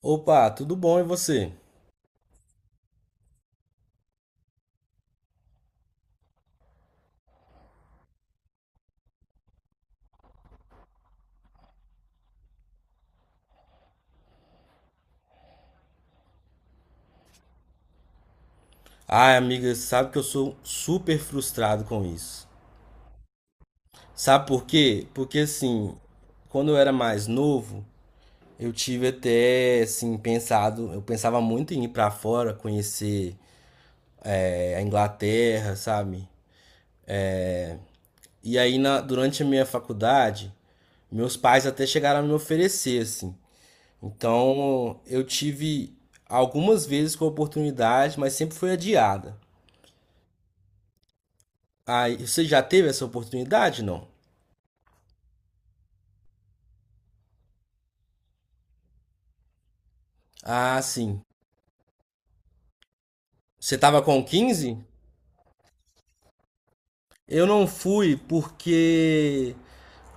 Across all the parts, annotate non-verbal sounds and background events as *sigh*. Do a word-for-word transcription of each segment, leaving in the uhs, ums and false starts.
Opa, tudo bom e você? Ai, amiga, sabe que eu sou super frustrado com isso. Sabe por quê? Porque assim, quando eu era mais novo, eu tive até assim pensado, eu pensava muito em ir pra fora, conhecer é, a Inglaterra, sabe? E aí na- durante a minha faculdade, meus pais até chegaram a me oferecer assim. Então, eu tive algumas vezes com a oportunidade, mas sempre foi adiada. Aí, você já teve essa oportunidade, não? Ah, sim. Você tava com quinze? Eu não fui porque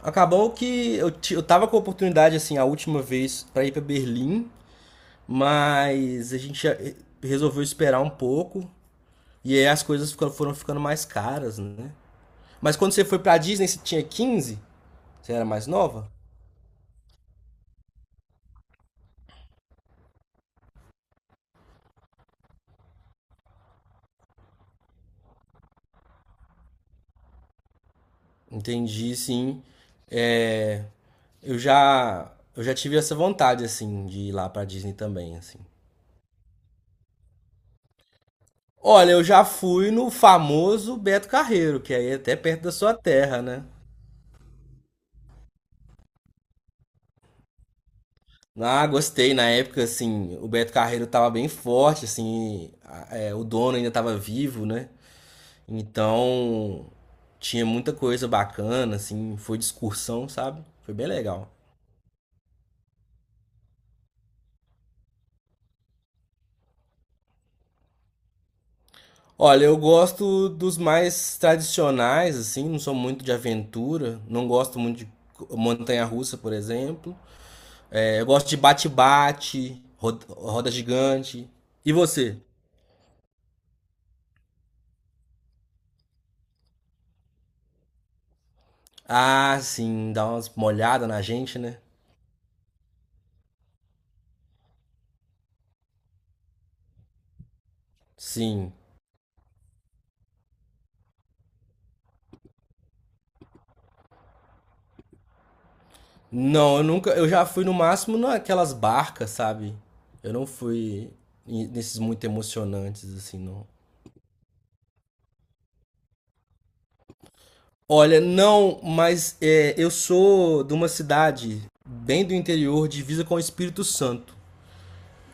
acabou que eu, ti- eu tava com a oportunidade, assim, a última vez pra ir pra Berlim, mas a gente já- eh, resolveu esperar um pouco e aí as coisas fica- foram ficando mais caras, né? Mas quando você foi pra Disney, você tinha quinze? Você era mais nova? Entendi, sim. É, eu já, eu já tive essa vontade, assim, de ir lá pra Disney também, assim. Olha, eu já fui no famoso Beto Carreiro, que aí é até perto da sua terra, né? Ah, gostei. Na época, assim, o Beto Carreiro tava bem forte, assim, a- é, o dono ainda tava vivo, né? Então, tinha muita coisa bacana, assim, foi de excursão, sabe? Foi bem legal. Olha, eu gosto dos mais tradicionais, assim, não sou muito de aventura, não gosto muito de montanha-russa, por exemplo. É, eu gosto de bate-bate, roda, roda gigante. E você? Ah, sim, dá umas molhadas na gente, né? Sim. Não, eu nunca. Eu já fui no máximo naquelas barcas, sabe? Eu não fui em- nesses muito emocionantes, assim, não. Olha, não, mas é, eu sou de uma cidade bem do interior, divisa com o Espírito Santo.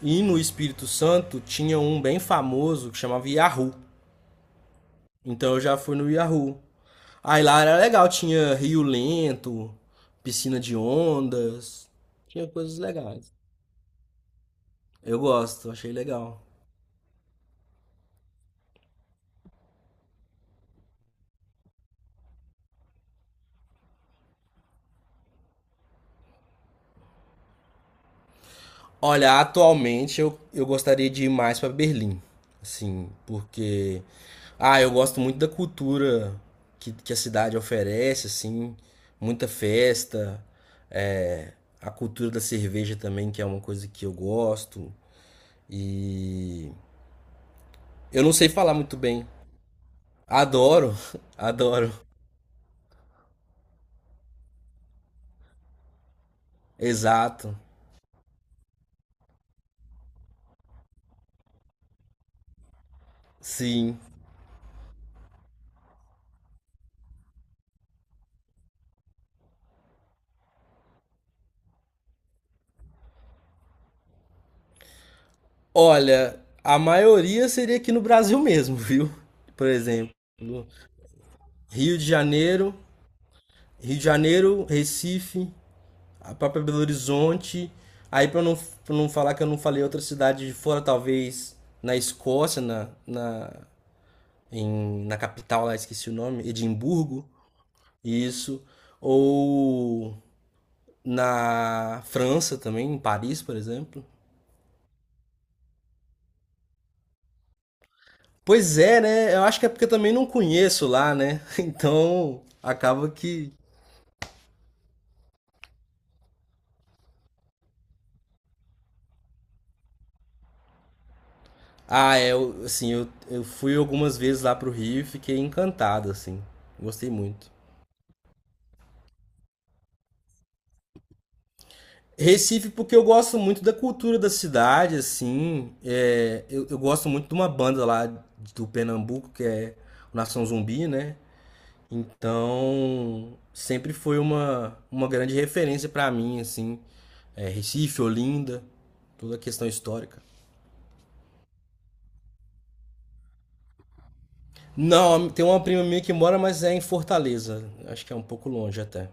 E no Espírito Santo tinha um bem famoso que chamava Yahoo. Então eu já fui no Yahoo. Aí lá era legal, tinha rio lento, piscina de ondas, tinha coisas legais. Eu gosto, achei legal. Olha, atualmente eu, eu gostaria de ir mais pra Berlim, assim, porque ah, eu gosto muito da cultura que, que a cidade oferece, assim, muita festa, é, a cultura da cerveja também, que é uma coisa que eu gosto. E eu não sei falar muito bem. Adoro, *laughs* adoro. Exato. Sim. Olha, a maioria seria aqui no Brasil mesmo, viu? Por exemplo, Rio de Janeiro, Rio de Janeiro, Recife, a própria Belo Horizonte. Aí para não, pra não falar que eu não falei outra cidade de fora, talvez na Escócia, na, na, em, na capital lá, esqueci o nome, Edimburgo, isso. Ou na França também, em Paris, por exemplo. Pois é, né? Eu acho que é porque eu também não conheço lá, né? *laughs* Então acaba que. Ah, é, eu- assim, eu, eu fui algumas vezes lá pro Rio e fiquei encantado, assim. Gostei muito. Recife, porque eu gosto muito da cultura da cidade, assim. É, eu, eu gosto muito de uma banda lá do Pernambuco, que é o Nação Zumbi, né? Então, sempre foi uma, uma grande referência pra mim, assim. É, Recife, Olinda, toda a questão histórica. Não, tem uma prima minha que mora, mas é em Fortaleza. Acho que é um pouco longe até.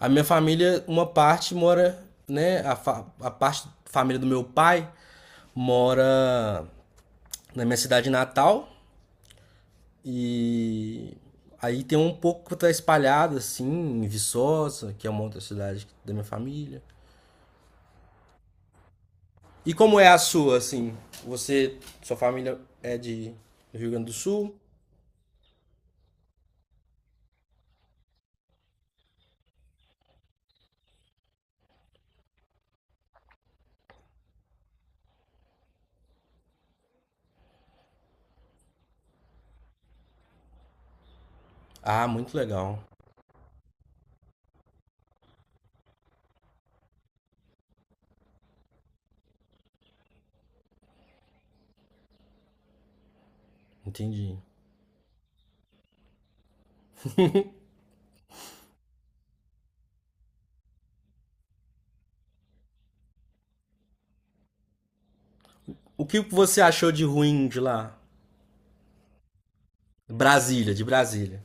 A minha família, uma parte mora, né? A, fa- a parte família do meu pai mora na minha cidade natal e aí tem um pouco que tá espalhado assim em Viçosa, que é uma outra cidade da minha família. E como é a sua, assim? Você, sua família é de do Rio Grande do Sul? Ah, muito legal. Entendi. O que você achou de ruim de lá? Brasília, de Brasília.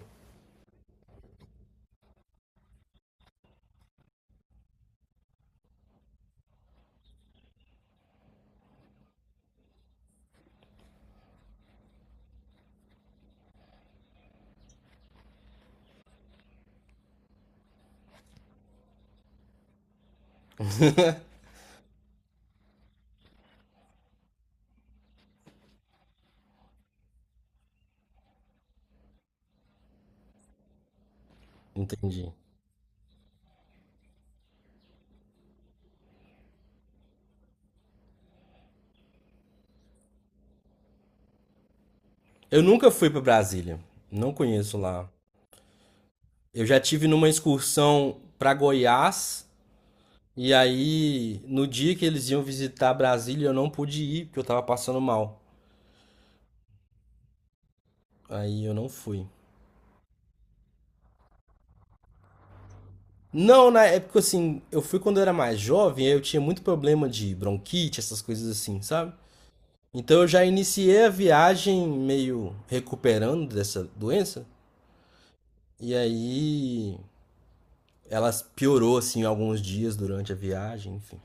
Entendi. Eu nunca fui para Brasília. Não conheço lá. Eu já tive numa excursão para Goiás e aí no dia que eles iam visitar Brasília eu não pude ir porque eu tava passando mal. Aí eu não fui. Não, na época assim, eu fui quando eu era mais jovem, aí eu tinha muito problema de bronquite, essas coisas assim, sabe? Então eu já iniciei a viagem meio recuperando dessa doença. E aí ela piorou, assim, alguns dias durante a viagem, enfim.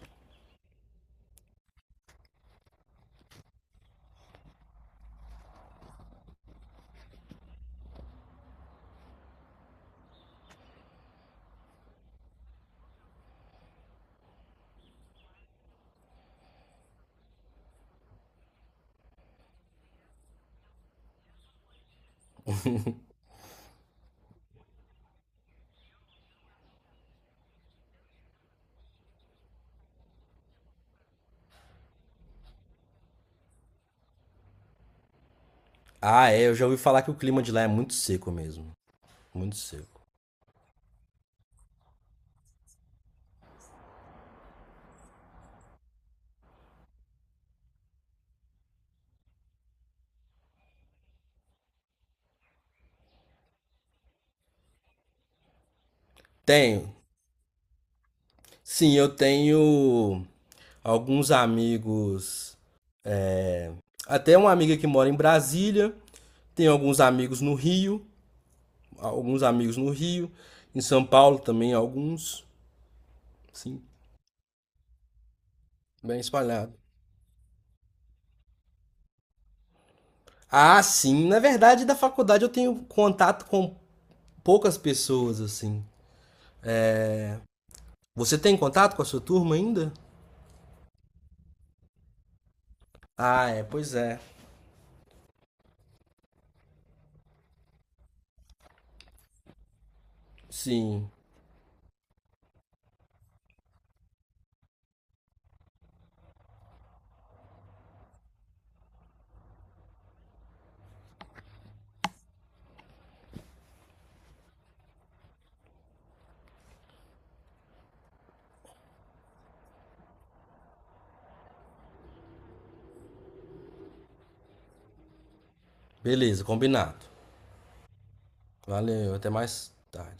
Ah, é, eu já ouvi falar que o clima de lá é muito seco mesmo. Muito seco. Tenho. Sim, eu tenho alguns amigos. Até uma amiga que mora em Brasília. Tenho alguns amigos no Rio. Alguns amigos no Rio. Em São Paulo também, alguns. Sim, bem espalhado. Ah, sim. Na verdade, da faculdade eu tenho contato com poucas pessoas, assim. Você tem contato com a sua turma ainda? Ah, é, pois é. Sim. Beleza, combinado. Valeu, até mais tarde.